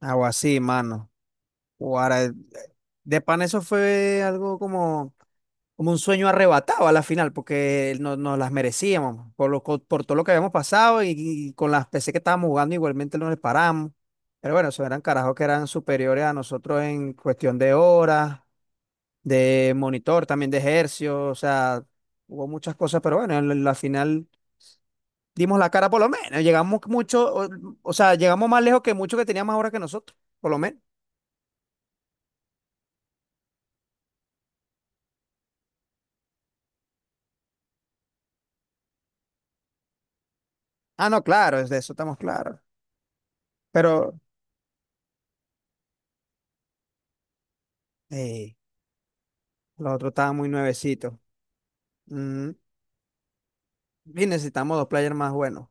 Algo así, mano. Guara, de pan eso fue algo como un sueño arrebatado a la final, porque nos las merecíamos por todo lo que habíamos pasado y con las PC que estábamos jugando igualmente no les paramos. Pero bueno, esos eran carajos que eran superiores a nosotros en cuestión de horas, de monitor, también de ejercicio, o sea, hubo muchas cosas, pero bueno, en la final dimos la cara por lo menos, llegamos mucho, o sea, llegamos más lejos que muchos que tenían más horas que nosotros, por lo menos. Ah, no, claro, es de eso estamos claros. Pero eh, los otros estaban muy nuevecitos. Mm, y necesitamos dos players más buenos.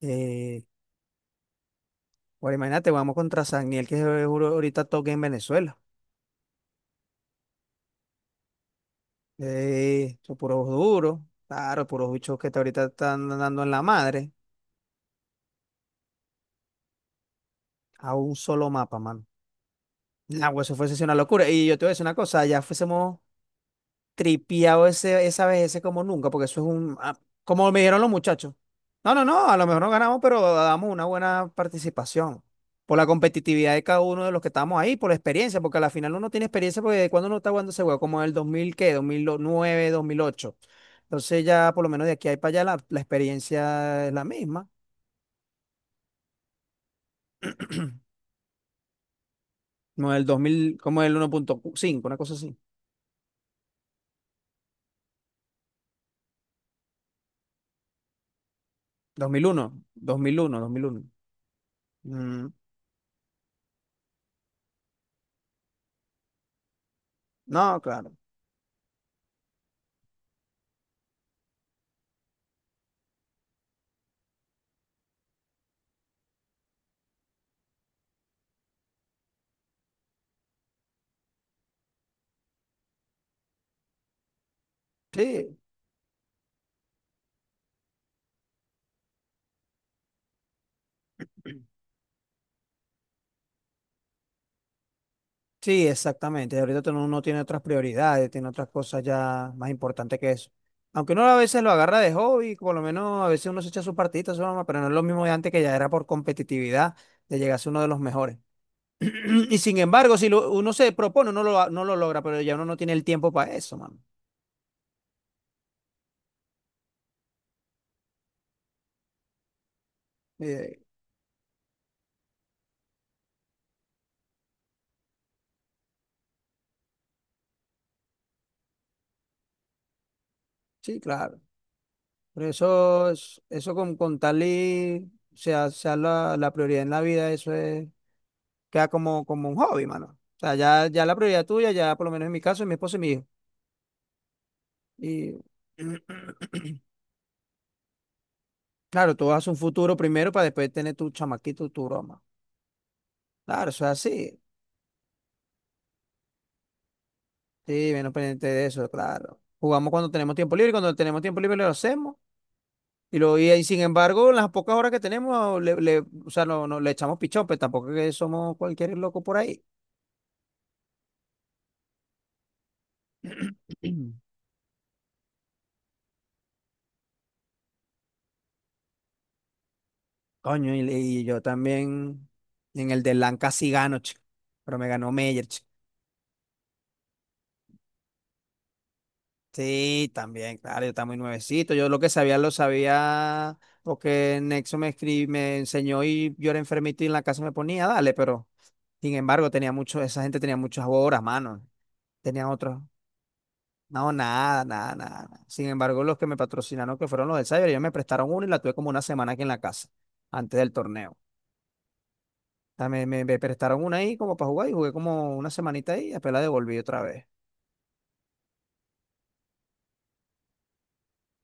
Eh, bueno, imagínate, vamos contra Sagniel, que es ahorita toque en Venezuela. Son puros duros, claro, puros bichos que te ahorita están dando en la madre a un solo mapa, mano. Ah, güey, eso fuese una locura. Y yo te voy a decir una cosa, ya fuésemos tripeado ese, esa vez, ese como nunca, porque eso es un. Como me dijeron los muchachos. No, no, no, a lo mejor no ganamos, pero damos una buena participación. Por la competitividad de cada uno de los que estamos ahí, por la experiencia, porque a la final uno tiene experiencia, porque de cuando uno está jugando ese juego, como en el dos mil, ¿qué? 2009, 2008. Entonces ya por lo menos de aquí a para allá la experiencia es la misma. No el 2000, como el 1.5, una cosa así. 2001, 2001, dos mil uno, 2001, 2001, 2001. Mm, no, claro. Sí. Sí, exactamente. Ahorita tú uno tiene otras prioridades, tiene otras cosas ya más importantes que eso. Aunque uno a veces lo agarra de hobby, por lo menos a veces uno se echa sus partidita, su broma, pero no es lo mismo de antes que ya era por competitividad de llegar a ser uno de los mejores. Y sin embargo, si uno se propone, no lo logra, pero ya uno no tiene el tiempo para eso, mano. Eh, sí, claro. Por eso, eso con tal y sea la prioridad en la vida, eso es queda como un hobby, mano. O sea, ya la prioridad tuya, ya por lo menos en mi caso, es mi esposa y mi hijo. Y claro, tú haces un futuro primero para después tener tu chamaquito, tu broma. Claro, eso es así. Sí, menos pendiente de eso, claro. Jugamos cuando tenemos tiempo libre, cuando tenemos tiempo libre lo hacemos. Y ahí, sin embargo, en las pocas horas que tenemos, o sea, no, no, le echamos pichón, pero tampoco es que somos cualquier loco por ahí. Coño, y yo también en el de Lanca sí gano, chico. Pero me ganó Meyer. Sí, también, claro, yo estaba muy nuevecito. Yo lo que sabía lo sabía porque Nexo me enseñó y yo era enfermito y en la casa me ponía, dale, pero sin embargo tenía mucho, esa gente tenía muchas horas, mano. Tenían otros. No, nada, nada, nada, nada. Sin embargo, los que me patrocinaron, que fueron los del Cyber, ellos me prestaron una y la tuve como una semana aquí en la casa, antes del torneo. También me prestaron una ahí como para jugar y jugué como una semanita ahí y después la devolví otra vez.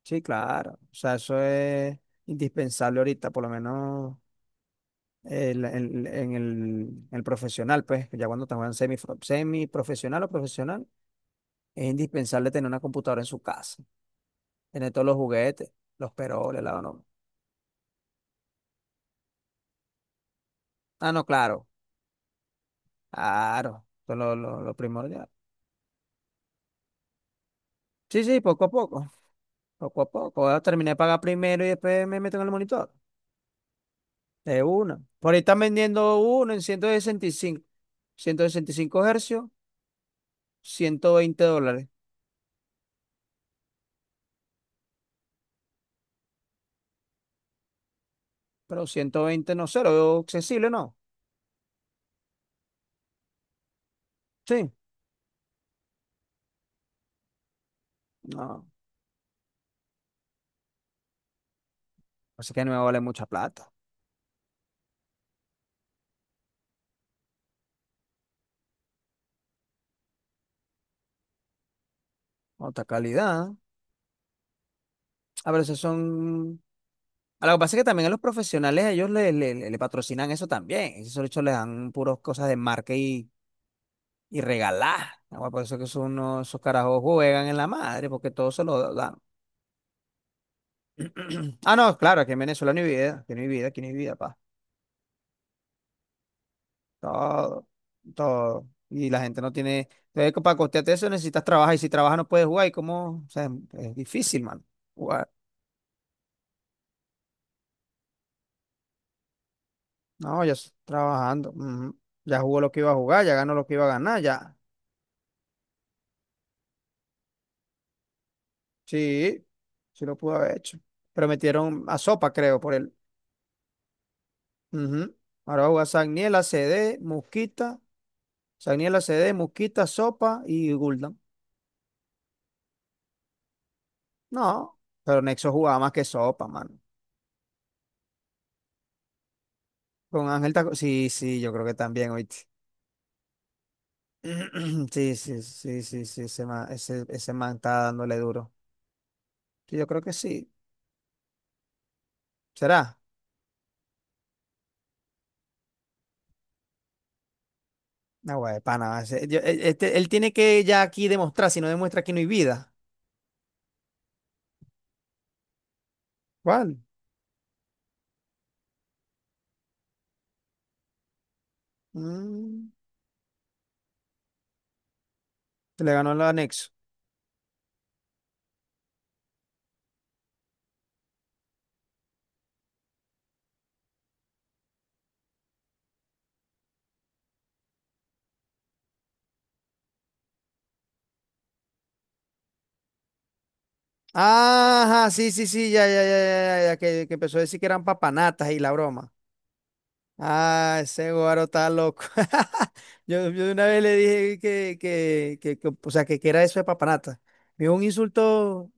Sí, claro. O sea, eso es indispensable ahorita, por lo menos. En el profesional, pues, ya cuando estamos en semiprofesional o profesional, es indispensable tener una computadora en su casa, tener todos los juguetes, los peroles, la no. Ah, no, claro, claro, eso es lo primordial. Sí, sí, poco a poco, poco a poco. Ahora terminé de pagar primero y después me meto en el monitor. De una. Por ahí están vendiendo uno en 165 Hz, $120. Pero 120 no sé, lo veo accesible, ¿no? Sí. No. Así que no me vale mucha plata. Otra calidad. A ver, esos son. A lo que pasa es que también a los profesionales ellos le patrocinan eso también. Esos de hecho les dan puras cosas de marca y regalar. Ah, bueno, por eso que son unos, esos carajos juegan en la madre, porque todo se lo dan. Ah, no, claro, aquí en Venezuela no hay vida, aquí no hay vida, aquí no hay vida, pa. Todo, todo. Y la gente no tiene. Entonces, para costearte eso necesitas trabajar, y si trabajas no puedes jugar, y cómo, o sea, es difícil, mano. No, ya estoy trabajando. Ujú. Ya jugó lo que iba a jugar, ya ganó lo que iba a ganar, ya. Sí, sí lo pudo haber hecho. Pero metieron a Sopa, creo, por él. Ujú. Ahora va a jugar Sagniela, CD, Musquita. Sagniela, CD, Musquita, Sopa y Guldan. No, pero Nexo jugaba más que Sopa, mano. Con Ángel Taco. Sí, sí, yo creo que también, oíste. Sí, sí, sí, sí, sí, ese man, ese man está dándole duro. Sí, yo creo que sí. ¿Será? No, güey, pana. Ese- yo- e- este- él tiene que ya aquí demostrar, si no demuestra aquí no hay vida. ¿Cuál? Mm, se le ganó el anexo. Ajá, sí, sí, sí, ya, ya, ya, ya, ya, ya, que empezó a decir que eran papanatas y la broma. Ah, ese guaro está loco. Yo de una vez le dije que, o sea, que era eso de papanata. Me dijo un insulto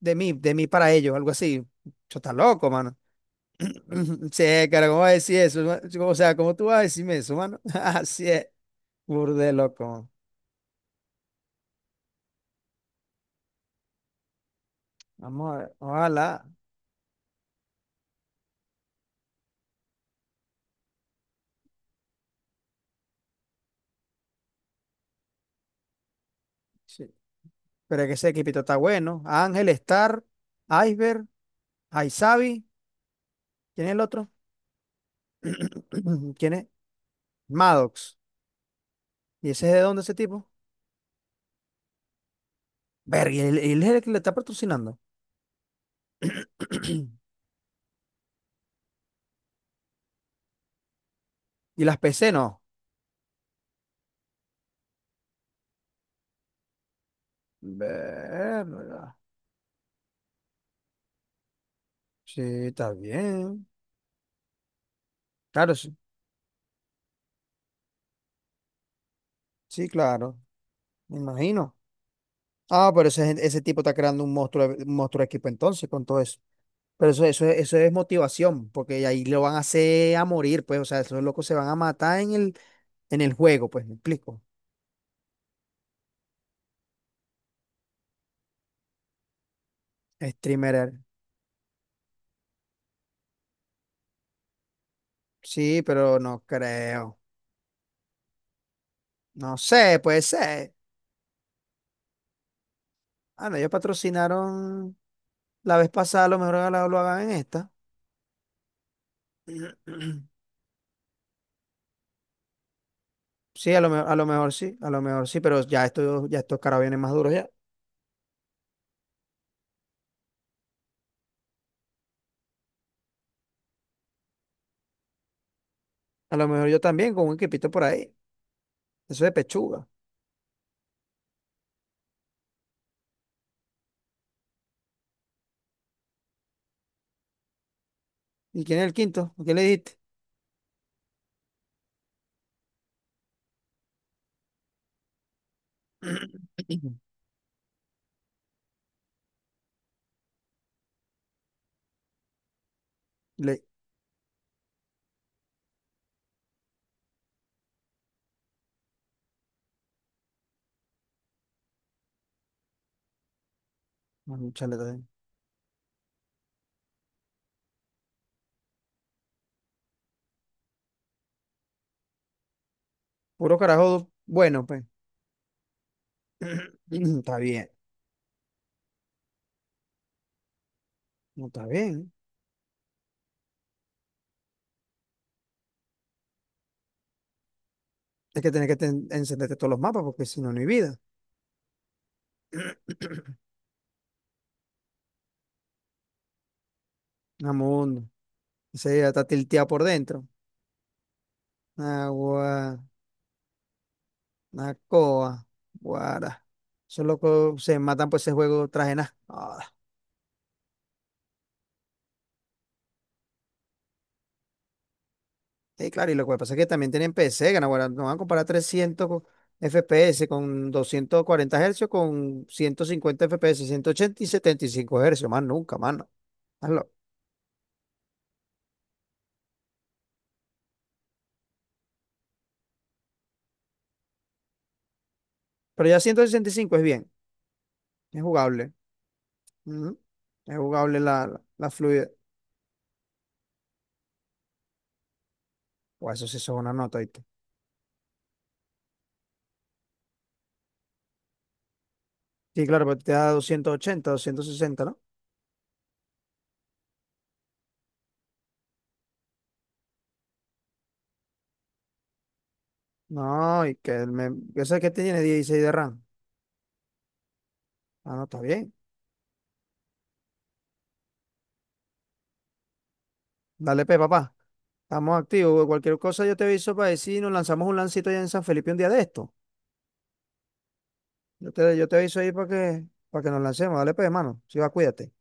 de mí para ellos, algo así. Yo está loco, mano. Sí, cara, ¿cómo vas a decir eso? O sea, ¿cómo tú vas a decirme eso, mano? Así es. Burde loco. Vamos a ver. Ojalá. Sí. Pero es que ese equipito está bueno. Ángel, Star, Iceberg, Aizabi. ¿Quién es el otro? ¿Quién es? Maddox. ¿Y ese es de dónde ese tipo? Ver, y él es el que le está patrocinando. Y las PC no. Verga. Sí, está bien. Claro, sí. Sí, claro. Me imagino. Ah, pero ese tipo está creando un monstruo de equipo entonces con todo eso. Pero eso es motivación, porque ahí lo van a hacer a morir, pues, o sea, esos locos se van a matar en en el juego, pues, me explico. Streamer, sí, pero no creo. No sé, puede ser. Ah, no, ellos patrocinaron la vez pasada, a lo mejor ahora hagan en esta. Sí, a lo mejor sí, a lo mejor sí, pero ya esto, ya estos caras vienen más duros ya. A lo mejor yo también, con un equipito por ahí. Eso de pechuga. ¿Y quién es el quinto? ¿A ¿Qué le dijiste? Le, Bueno, chale, está bien. Puro carajo, bueno, pues. Está bien, no está bien. Es que tenés que encenderte todos los mapas porque si no, no hay vida. Amundo. Ese ya está tilteado por dentro. Agua, Nacoa, Guara. Esos locos se matan por ese juego traje nada. Ah, sí, claro, y lo que pasa es que también tienen PC, gana, guara. No van a comparar 300 FPS con 240 Hz con 150 FPS, 80 y 75 Hz, más nunca, mano. Hazlo. Pero ya 165 es bien, es jugable. Ujú. Es jugable la fluidez. Pues eso sí eso es una nota, ¿viste? Sí, claro, pero te da 280, 260, ¿no? No, y que el me... Yo sé que tiene 16 de RAM. Ah, no, está bien. Dale, pe, papá. Estamos activos, güey. Cualquier cosa yo te aviso para decir, nos lanzamos un lancito allá en San Felipe un día de esto. Yo te aviso ahí para que nos lancemos. Dale, pe, hermano. Si va, cuídate.